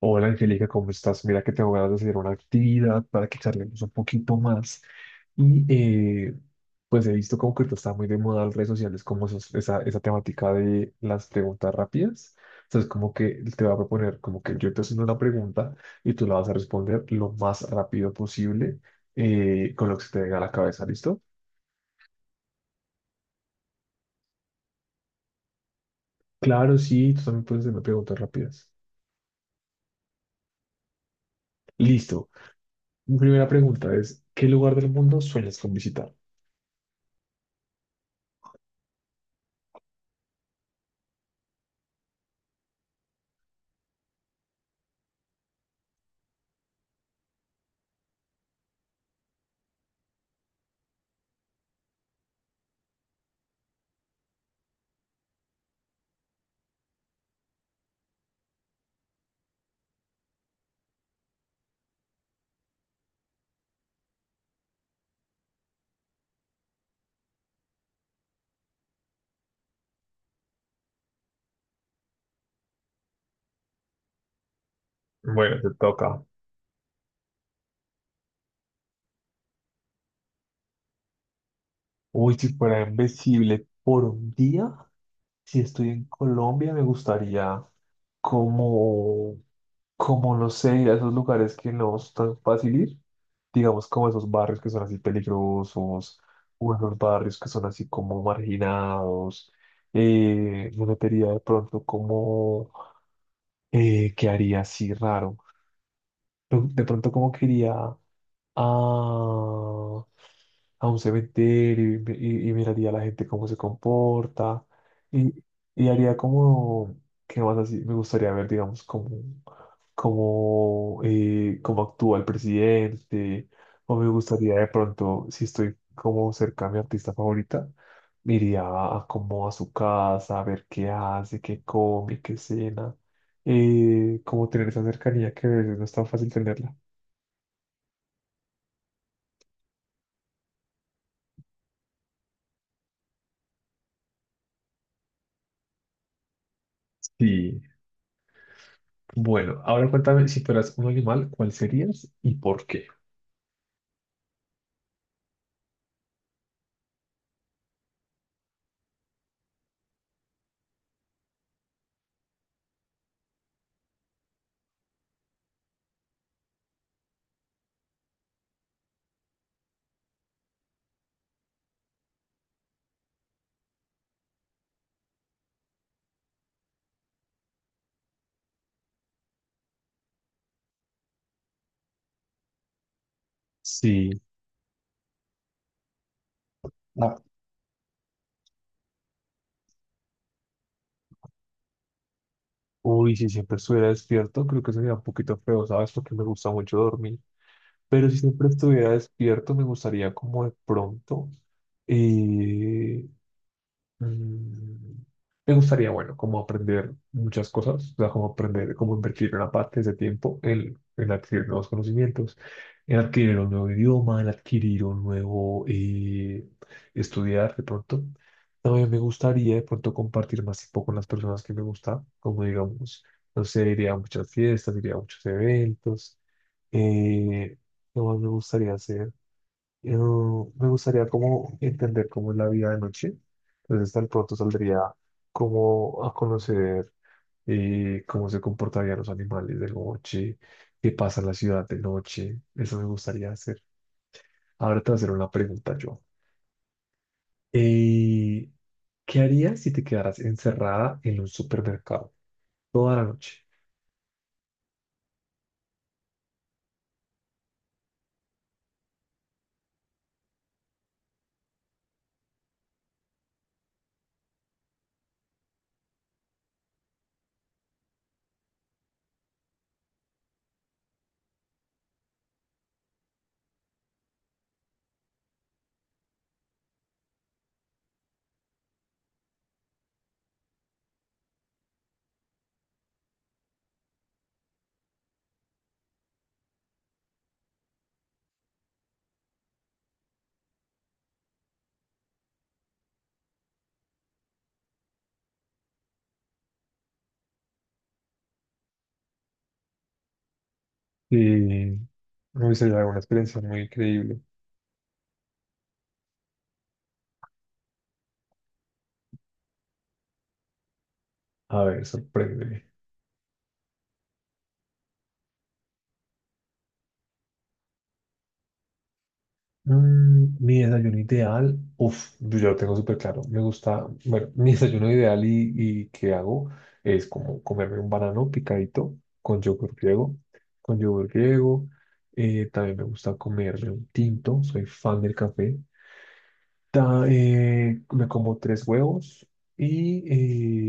Hola Angélica, ¿cómo estás? Mira que tengo ganas de hacer una actividad para que charlemos un poquito más. Y eh, pues he visto como que ahorita está muy de moda en las redes sociales como esa temática de las preguntas rápidas. Entonces como que te voy a proponer como que yo te haciendo una pregunta y tú la vas a responder lo más rápido posible, con lo que se te venga a la cabeza, ¿listo? Claro, sí, tú también puedes hacerme preguntas rápidas. Listo. Mi primera pregunta es, ¿qué lugar del mundo sueñas con visitar? Bueno, te toca. Uy, si fuera invencible por un día, si estoy en Colombia, me gustaría como, como no sé, ir a esos lugares que no es tan fácil ir, digamos como esos barrios que son así peligrosos, o esos barrios que son así como marginados. Me metería de pronto como, ¿qué haría así raro? De pronto como que iría a, a un cementerio y, y miraría a la gente cómo se comporta y, y haría como, ¿qué más así? Me gustaría ver, digamos, cómo, cómo actúa el presidente, o me gustaría de pronto, si estoy como cerca a mi artista favorita, me iría a, como a su casa, a ver qué hace, qué come, qué cena, como tener esa cercanía que a veces no es tan fácil tenerla. Sí. Bueno, ahora cuéntame, si fueras un animal, ¿cuál serías y por qué? Sí. Ah, uy, si siempre estuviera despierto, creo que sería un poquito feo, ¿sabes? Porque me gusta mucho dormir. Pero si siempre estuviera despierto, me gustaría como de pronto. eh, Mm, Me gustaría, bueno, como aprender muchas cosas, o sea, como aprender, como invertir una parte de ese tiempo en adquirir nuevos conocimientos, en adquirir un nuevo idioma, en adquirir un nuevo estudiar de pronto. También me gustaría de pronto compartir más tiempo con las personas que me gustan, como digamos, no sé, iría a muchas fiestas, iría a muchos eventos. Eh, ¿Qué más me gustaría hacer? Yo me gustaría como entender cómo es la vida de noche. Entonces, tal pronto saldría como a conocer, cómo se comportarían los animales de noche, qué pasa en la ciudad de noche. Eso me gustaría hacer. Ahora te voy a hacer una pregunta yo. Eh, ¿Qué harías si te quedaras encerrada en un supermercado toda la noche? Y me gustaría dar una experiencia muy increíble. A ver, sorpréndeme. Mm, mi desayuno ideal, uff, yo ya lo tengo súper claro. Me gusta, bueno, mi desayuno ideal y que hago es como comerme un banano picadito con yogur griego. También me gusta comerme un tinto, soy fan del café. Me como tres huevos y,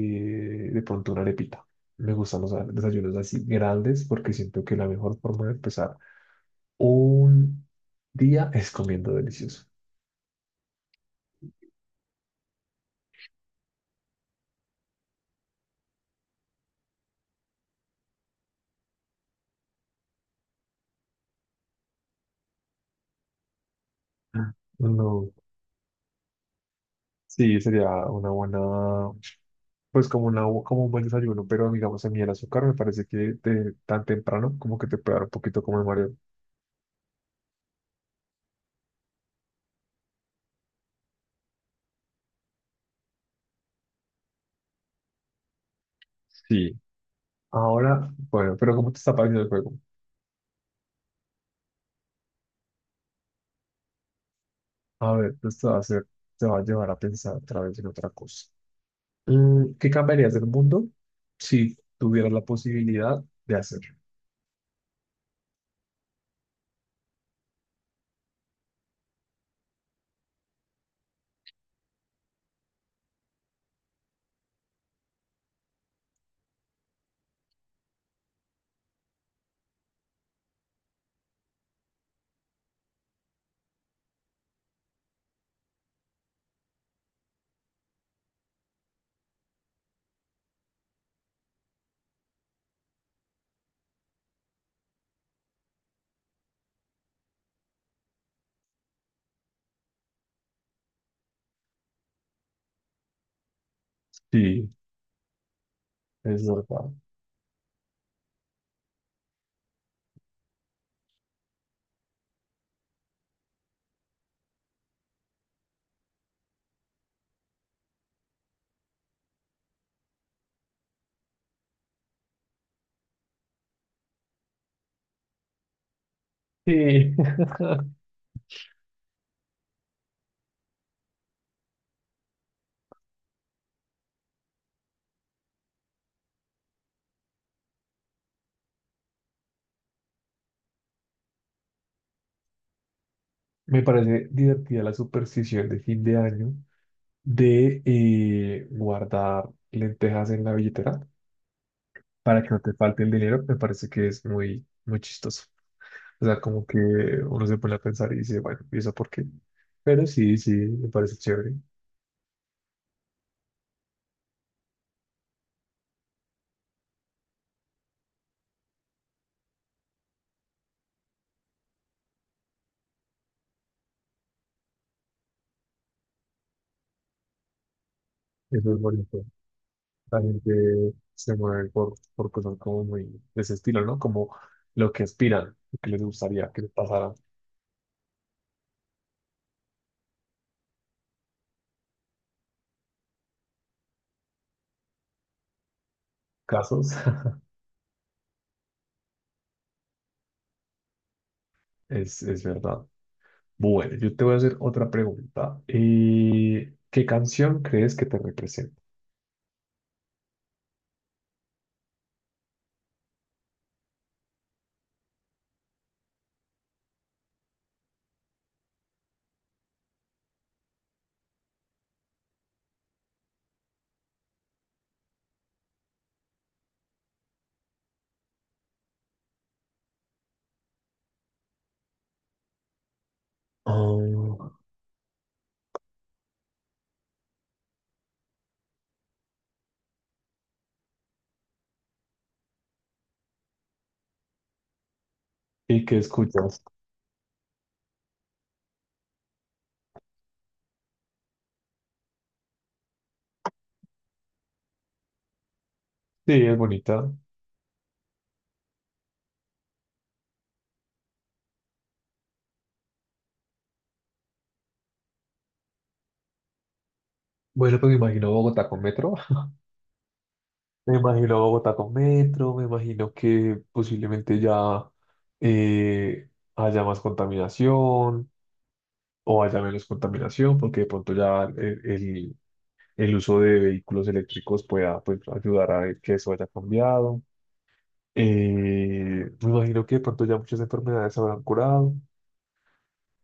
de pronto una arepita. Me gustan los desayunos así grandes porque siento que la mejor forma de empezar un día es comiendo delicioso. No, sí, sería una buena, pues como, una, como un buen desayuno, pero digamos a mí el azúcar me parece que tan temprano como que te puede dar un poquito como de mareo. Sí, ahora, bueno, pero ¿cómo te está pareciendo el juego? A ver, pues te va a llevar a pensar otra vez en otra cosa. Mm, ¿qué cambiarías del mundo si tuvieras la posibilidad de hacerlo? Sí, es verdad. Sí, me parece divertida la superstición de fin de año de guardar lentejas en la billetera para que no te falte el dinero, me parece que es muy, muy chistoso. O sea, como que uno se pone a pensar y dice, bueno, ¿y eso por qué? Pero sí, sí, me parece chévere. Eso es bonito. La gente se mueve por cosas como muy de ese estilo, ¿no? Como lo que aspiran, lo que les gustaría que les pasaran casos. Es verdad. Bueno, yo te voy a hacer otra pregunta. ¿Qué canción crees que te representa? Ah, ¿y qué escuchas? Sí, es bonita. Bueno, pues me imagino Bogotá con metro. Me imagino Bogotá con metro, me imagino que posiblemente ya, eh, haya más contaminación o haya menos contaminación, porque de pronto ya el- el uso de vehículos eléctricos pueda pues, ayudar a que eso haya cambiado. Me imagino que de pronto ya muchas enfermedades se habrán curado.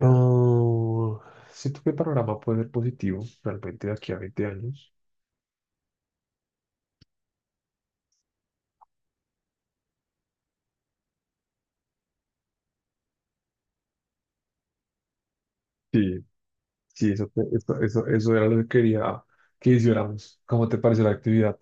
Oh, siento que el panorama puede ser positivo realmente de aquí a 20 años. Sí, sí, eso era lo que quería que hiciéramos. ¿Cómo te pareció la actividad?